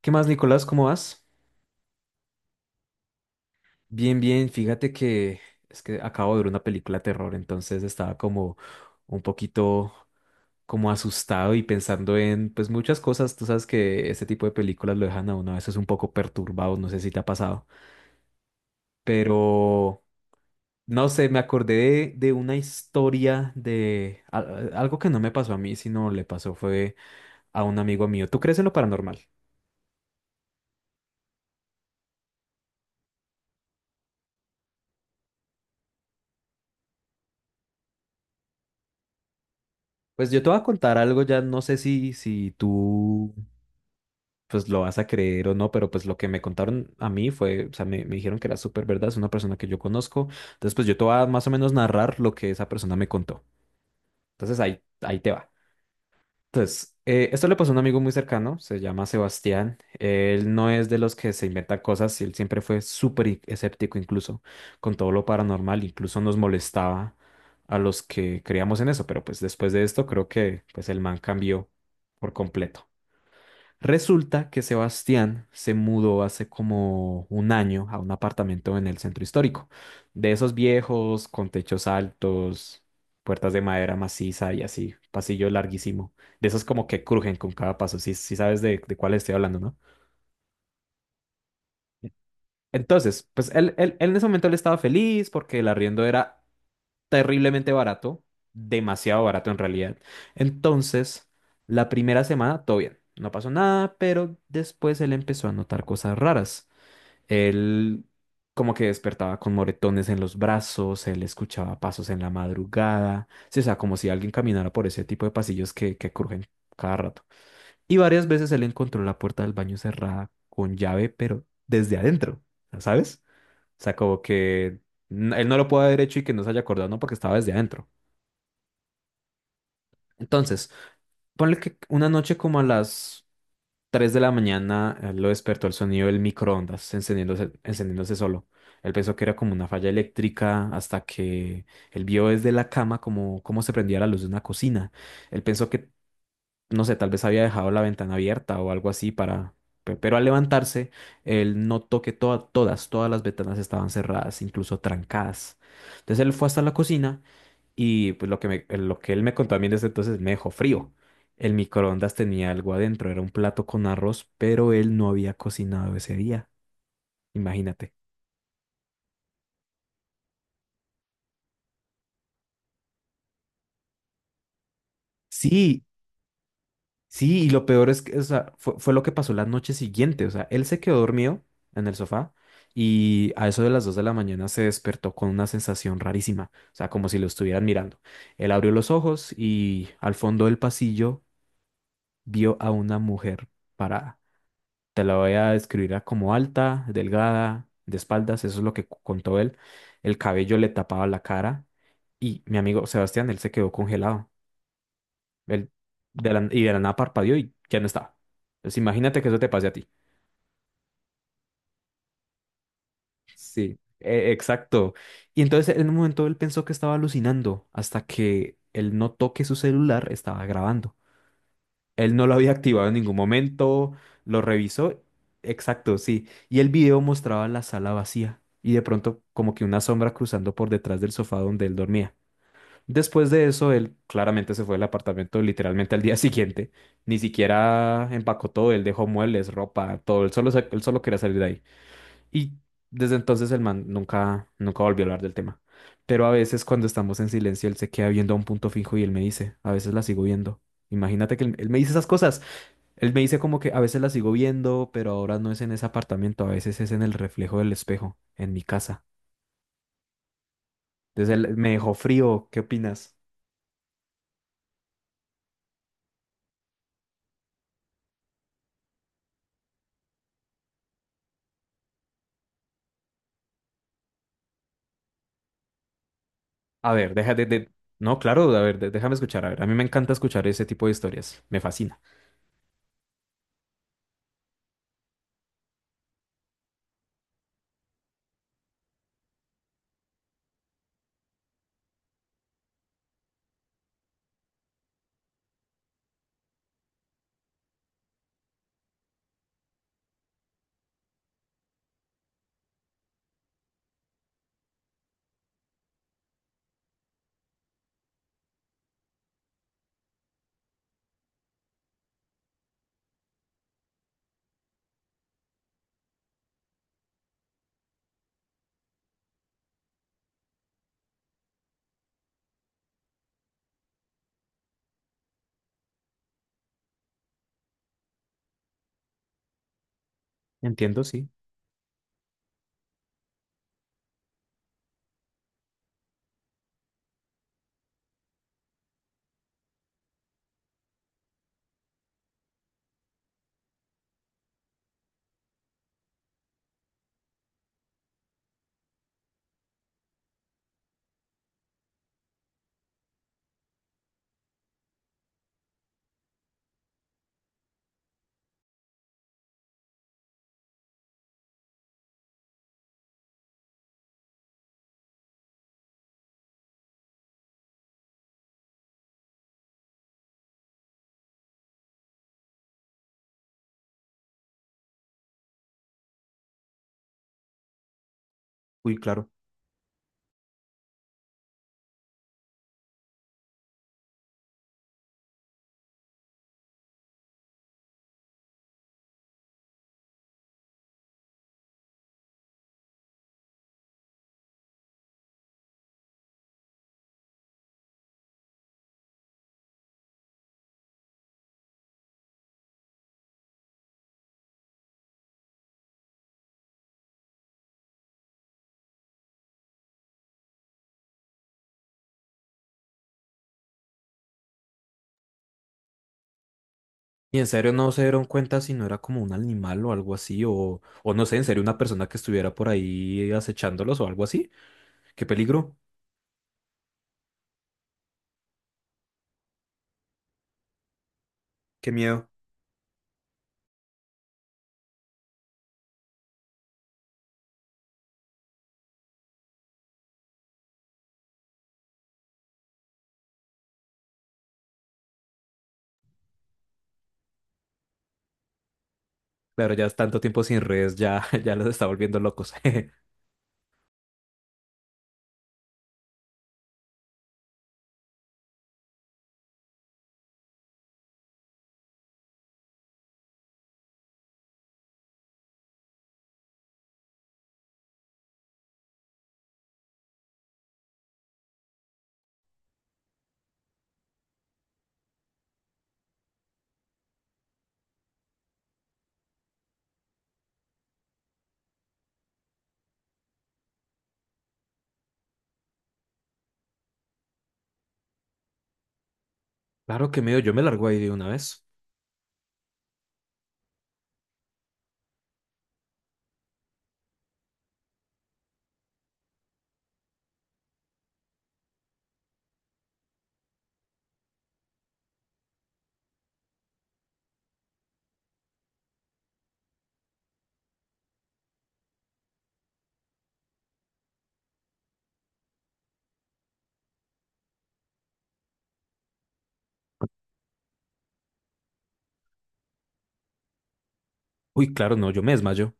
¿Qué más, Nicolás? ¿Cómo vas? Bien. Fíjate que es que acabo de ver una película de terror, entonces estaba como un poquito como asustado y pensando en pues muchas cosas. Tú sabes que este tipo de películas lo dejan a uno a veces un poco perturbado, no sé si te ha pasado, pero no sé, me acordé de una historia de algo que no me pasó a mí, sino le pasó fue a un amigo mío. ¿Tú crees en lo paranormal? Pues yo te voy a contar algo ya, no sé si tú pues lo vas a creer o no, pero pues lo que me contaron a mí fue, o sea, me dijeron que era súper verdad, es una persona que yo conozco, entonces pues yo te voy a más o menos narrar lo que esa persona me contó. Entonces ahí te va. Entonces, esto le pasó a un amigo muy cercano, se llama Sebastián, él no es de los que se inventan cosas, él siempre fue súper escéptico incluso con todo lo paranormal, incluso nos molestaba a los que creíamos en eso, pero pues después de esto creo que pues el man cambió por completo. Resulta que Sebastián se mudó hace como un año a un apartamento en el centro histórico, de esos viejos, con techos altos, puertas de madera maciza y así, pasillo larguísimo, de esos como que crujen con cada paso, si sabes de cuál estoy hablando, ¿no? Entonces, pues él en ese momento él estaba feliz porque el arriendo era terriblemente barato, demasiado barato en realidad. Entonces, la primera semana, todo bien, no pasó nada, pero después él empezó a notar cosas raras. Él como que despertaba con moretones en los brazos, él escuchaba pasos en la madrugada, sí, o sea, como si alguien caminara por ese tipo de pasillos que crujen cada rato. Y varias veces él encontró la puerta del baño cerrada con llave, pero desde adentro, ¿sabes? O sea, como que él no lo puede haber hecho y que no se haya acordado, no, porque estaba desde adentro. Entonces, ponle que una noche como a las 3 de la mañana lo despertó el sonido del microondas encendiéndose, encendiéndose solo. Él pensó que era como una falla eléctrica hasta que él vio desde la cama como cómo se prendía la luz de una cocina. Él pensó que, no sé, tal vez había dejado la ventana abierta o algo así para... Pero al levantarse, él notó que todas las ventanas estaban cerradas, incluso trancadas. Entonces él fue hasta la cocina y pues lo que, lo que él me contó a mí desde entonces me dejó frío. El microondas tenía algo adentro, era un plato con arroz, pero él no había cocinado ese día. Imagínate. Sí, sí, y lo peor es que, o sea, fue lo que pasó la noche siguiente. O sea, él se quedó dormido en el sofá y a eso de las 2 de la mañana se despertó con una sensación rarísima, o sea, como si lo estuvieran mirando. Él abrió los ojos y al fondo del pasillo vio a una mujer parada. Te la voy a describir a como alta, delgada, de espaldas, eso es lo que contó él. El cabello le tapaba la cara y mi amigo Sebastián, él se quedó congelado. Él de la nada parpadeó y ya no estaba. Pues imagínate que eso te pase a ti. Sí, exacto. Y entonces en un momento él pensó que estaba alucinando hasta que él notó que su celular estaba grabando. Él no lo había activado en ningún momento, lo revisó, exacto, sí. Y el video mostraba la sala vacía y de pronto como que una sombra cruzando por detrás del sofá donde él dormía. Después de eso, él claramente se fue del apartamento literalmente al día siguiente. Ni siquiera empacó todo, él dejó muebles, ropa, todo. Él solo, él solo quería salir de ahí. Y desde entonces el man nunca volvió a hablar del tema. Pero a veces cuando estamos en silencio, él se queda viendo a un punto fijo y él me dice, a veces la sigo viendo. Imagínate que él me dice esas cosas. Él me dice como que a veces la sigo viendo, pero ahora no es en ese apartamento, a veces es en el reflejo del espejo, en mi casa. Entonces él me dejó frío, ¿qué opinas? A ver, deja No, claro, a ver, déjame escuchar, a ver, a mí me encanta escuchar ese tipo de historias, me fascina. Entiendo, sí, uy, claro. Y en serio no se dieron cuenta si no era como un animal o algo así, o no sé, en serio una persona que estuviera por ahí acechándolos o algo así. Qué peligro, qué miedo. Claro, ya es tanto tiempo sin redes, ya, ya los está volviendo locos. Claro que medio, yo me largo ahí de una vez. Uy, claro, no, yo me desmayo.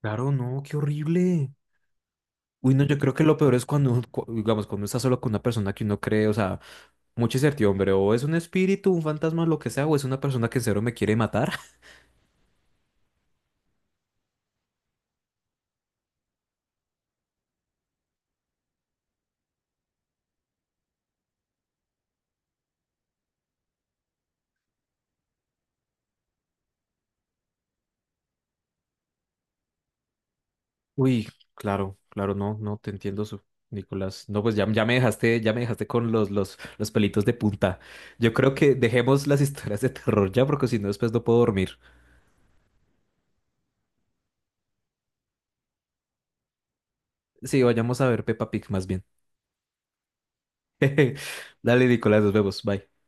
Claro, no, qué horrible. Uy, no, yo creo que lo peor es cuando, digamos, cuando uno está solo con una persona que uno cree, o sea, mucha incertidumbre, o es un espíritu, un fantasma, lo que sea, o es una persona que en serio me quiere matar. Uy, claro, claro, no, no, te entiendo, Nicolás. No, pues ya, ya me dejaste con los, los pelitos de punta. Yo creo que dejemos las historias de terror ya, porque si no, después no puedo dormir. Sí, vayamos a ver Peppa Pig más bien. Dale, Nicolás, nos vemos, bye.